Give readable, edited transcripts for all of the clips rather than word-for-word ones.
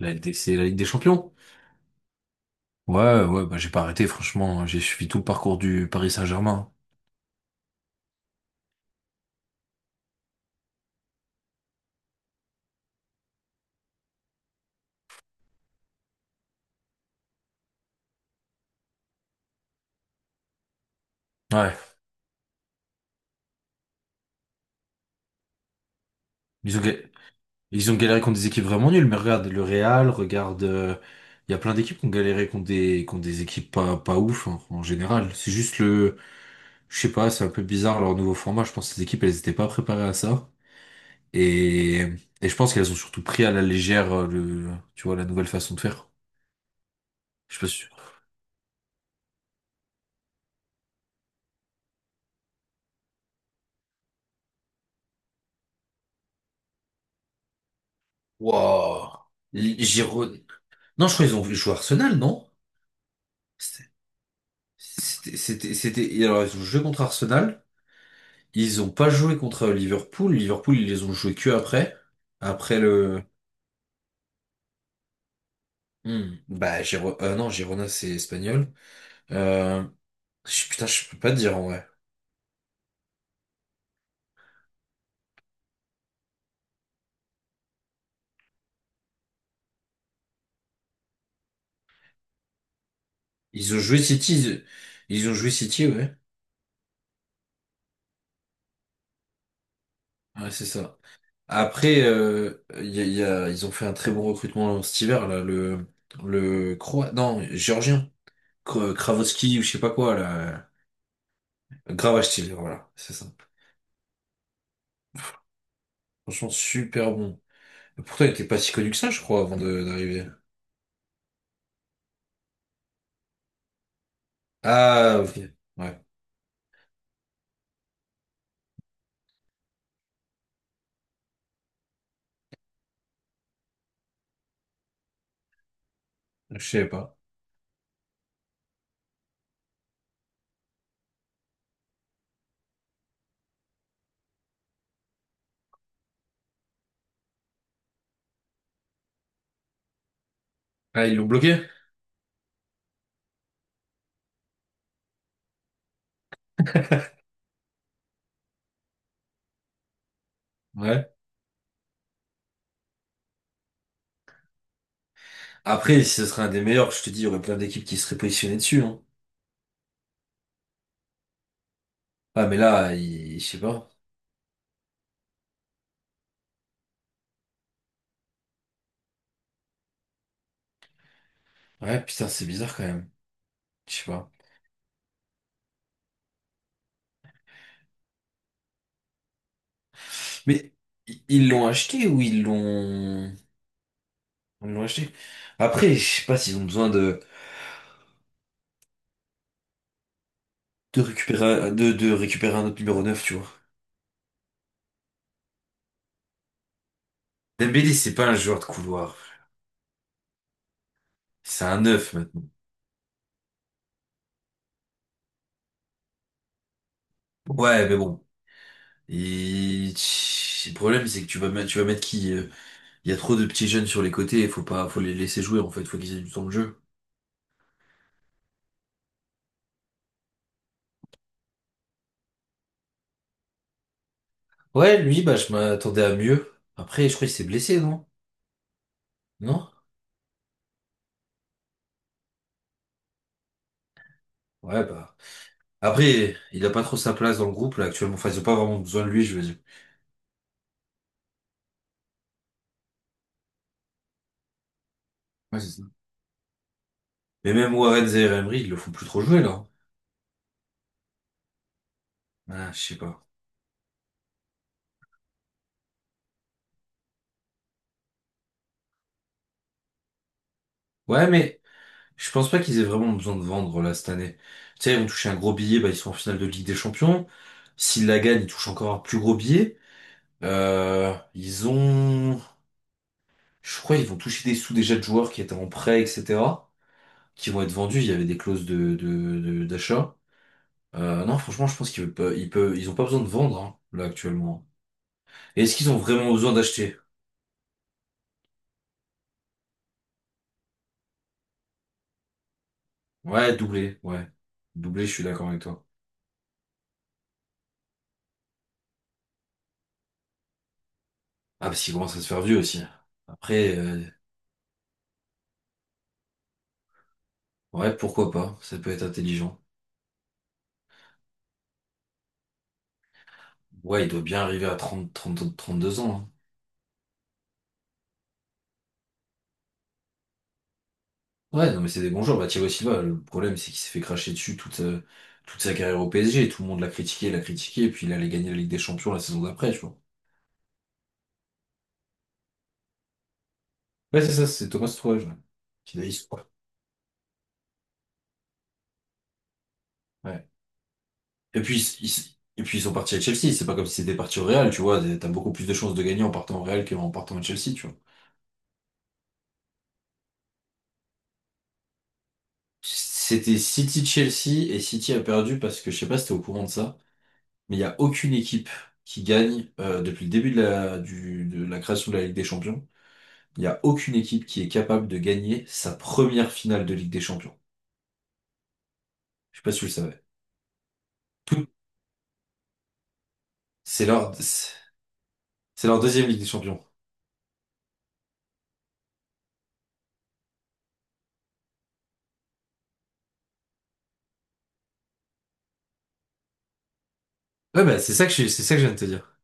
La LDC, la Ligue des Champions. Ouais, ouais, bah j'ai pas arrêté, franchement, hein. J'ai suivi tout le parcours du Paris Saint-Germain. Ouais. Ils ont, ga- Ils ont galéré contre des équipes vraiment nulles, mais regarde le Real, regarde. Il y a plein d'équipes qui ont galéré contre des équipes pas ouf hein, en général. C'est juste le. Je sais pas, c'est un peu bizarre leur nouveau format. Je pense que ces équipes, elles étaient pas préparées à ça. Et, et je pense qu'elles ont surtout pris à la légère le, tu vois, la nouvelle façon de faire. Je suis pas sûr. Waouh! Giron. Non, je crois qu'ils ont joué Arsenal, non? Alors, ils ont joué contre Arsenal. Ils ont pas joué contre Liverpool. Liverpool, ils les ont joués que après. Après le. Hmm. Bah, non, Girona, c'est espagnol. Euh... Putain, je peux pas te dire, en vrai. Ils ont joué City. Ils ont joué City, ouais. Ouais, c'est ça. Après, ils ont fait un très bon recrutement cet hiver, là. Le. Le croate. Non, Géorgien. Kravoski, ou je sais pas quoi, là. Gravache, voilà. C'est ça. Franchement, super bon. Pourtant, il était pas si connu que ça, je crois, d'arriver. Ah, ok. Ouais. Je sais pas. Ah, ils l'ont bloqué? Ouais. Après, si ce serait un des meilleurs, je te dis, il y aurait plein d'équipes qui seraient positionnées dessus, hein. Ah, mais là, je sais pas. Ouais, putain, c'est bizarre quand même. Je sais pas. Mais ils l'ont acheté ou ils l'ont... Ils l'ont acheté. Après, je sais pas s'ils ont besoin de récupérer un autre numéro 9, tu vois. Dembélé, c'est pas un joueur de couloir. C'est un 9 maintenant. Ouais, mais bon. Et tch, le problème, c'est que tu vas mettre qui? Il y a trop de petits jeunes sur les côtés, il faut pas, faut les laisser jouer en fait, faut qu'ils aient du temps de jeu. Ouais, lui, bah, je m'attendais à mieux. Après, je crois qu'il s'est blessé, non? Non? Ouais, bah. Après, il a pas trop sa place dans le groupe là actuellement. Enfin, ils ont pas vraiment besoin de lui, je veux dire. Ouais, c'est ça. Mais même Warren et Emery, ils le font plus trop jouer là. Ah, je sais pas. Ouais, mais je pense pas qu'ils aient vraiment besoin de vendre là cette année. Tu sais, ils vont toucher un gros billet, bah ils sont en finale de Ligue des Champions. S'ils la gagnent, ils touchent encore un plus gros billet. Euh, ils ont, je crois, ils vont toucher des sous déjà de joueurs qui étaient en prêt, etc., qui vont être vendus. Il y avait des clauses d'achat. Non, franchement, je pense qu'ils peuvent, ils ont pas besoin de vendre, hein, là, actuellement. Et est-ce qu'ils ont vraiment besoin d'acheter? Ouais. Doublé, je suis d'accord avec toi. Ah, parce qu'ils commencent à se faire vieux aussi. Après, ouais, pourquoi pas? Ça peut être intelligent. Ouais, il doit bien arriver à 32 ans, hein. Ouais, non, mais c'est des bons joueurs. Bah, Thiago Silva, le problème, c'est qu'il s'est fait cracher dessus toute sa carrière au PSG. Tout le monde l'a critiqué, et puis il allait gagner la Ligue des Champions la saison d'après, je crois. Ouais, c'est ça, c'est Thomas Tuchel, ouais. Qui l'a- ils sont- Ouais. Et puis, ils sont partis à Chelsea. C'est pas comme si c'était parti au Real, tu vois. T'as beaucoup plus de chances de gagner en partant au Real qu'en partant à Chelsea, tu vois. C'était City-Chelsea, et City a perdu parce que, je sais pas si t'es au courant de ça, mais il y a aucune équipe qui gagne, depuis le début de la création de la Ligue des Champions. Il n'y a aucune équipe qui est capable de gagner sa première finale de Ligue des Champions. Je sais pas si tu le savais. Tout- C'est leur, c'est leur deuxième Ligue des Champions. Ouais, bah, c'est ça que c'est ça que je viens de te dire.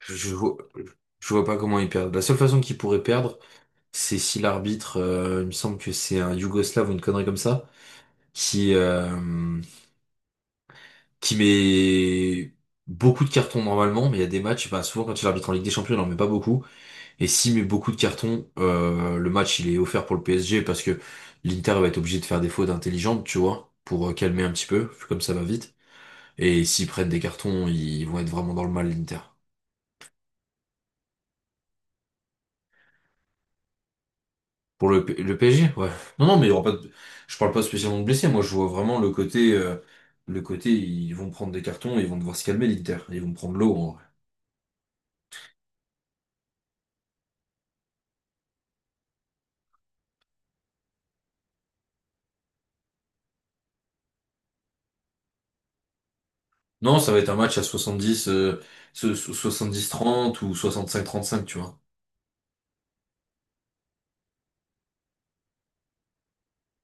Je, je vois, je vois pas comment ils perdent. La seule façon qu'ils pourraient perdre, c'est si l'arbitre, il me semble que c'est un Yougoslave ou une connerie comme ça, qui, euh, qui met beaucoup de cartons normalement, mais il y a des matchs, bah, souvent quand il arbitre en Ligue des Champions, il en met pas beaucoup. Et s'il met beaucoup de cartons, le match il est offert pour le PSG parce que l'Inter va être obligé de faire des fautes intelligentes, tu vois, pour calmer un petit peu, vu comme ça va vite. Et s'ils prennent des cartons, ils vont être vraiment dans le mal, l'Inter. Pour le PSG, ouais. Non, non, mais il y aura pas de... je parle pas spécialement de blessés. Moi, je vois vraiment le côté, ils vont prendre des cartons, ils vont devoir se calmer, l'Inter. Ils vont prendre l'eau, en vrai. Non, ça va être un match à 70, 70-30 ou 65-35, tu vois.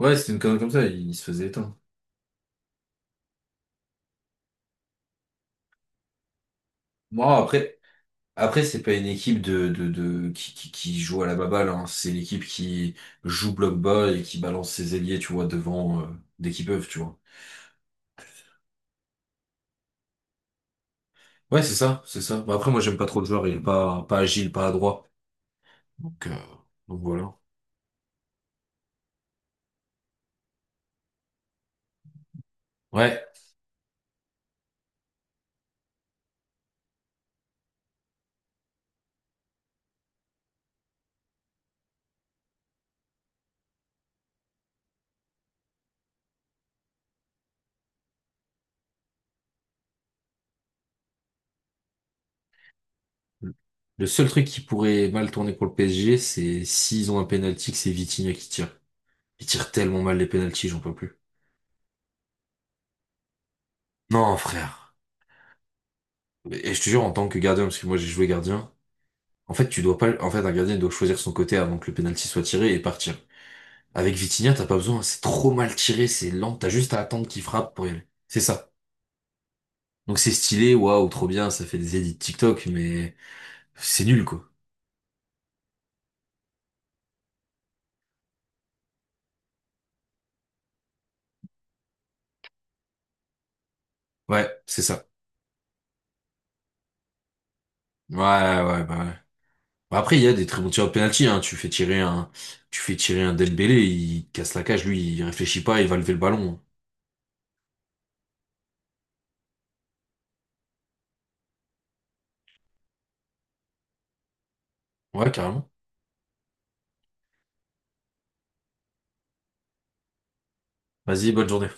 Ouais, c'était une connerie comme ça, il se faisait éteindre. Bon, après. Après, c'est pas une équipe de qui, qui joue à la baballe, hein. C'est l'équipe qui joue bloc bas et qui balance ses ailiers, tu vois, devant dès qu'ils peuvent, tu vois. Ouais, c'est ça, c'est ça. Bah, après, moi, j'aime pas trop le joueur, il est pas agile, pas adroit. Donc, euh, donc voilà. Ouais. Le seul truc qui pourrait mal tourner pour le PSG, c'est s'ils ont un penalty, que c'est Vitinha qui tire. Il tire tellement mal les penalties, j'en peux plus. Non, frère. Et je te jure, en tant que gardien, parce que moi j'ai joué gardien, en fait, tu dois pas, en fait, un gardien il doit choisir son côté avant que le penalty soit tiré et partir. Avec Vitinha, t'as pas besoin, c'est trop mal tiré, c'est lent, t'as juste à attendre qu'il frappe pour y aller. C'est ça. Donc c'est stylé, waouh, trop bien, ça fait des edits TikTok, mais c'est nul, quoi. Ouais, c'est ça. Ouais, ouais. Bah après, il y a des très bons tireurs de penalty, hein. Tu fais tirer un Dembélé, il casse la cage, lui, il réfléchit pas, il va lever le ballon. Ouais, carrément. Vas-y, bonne journée.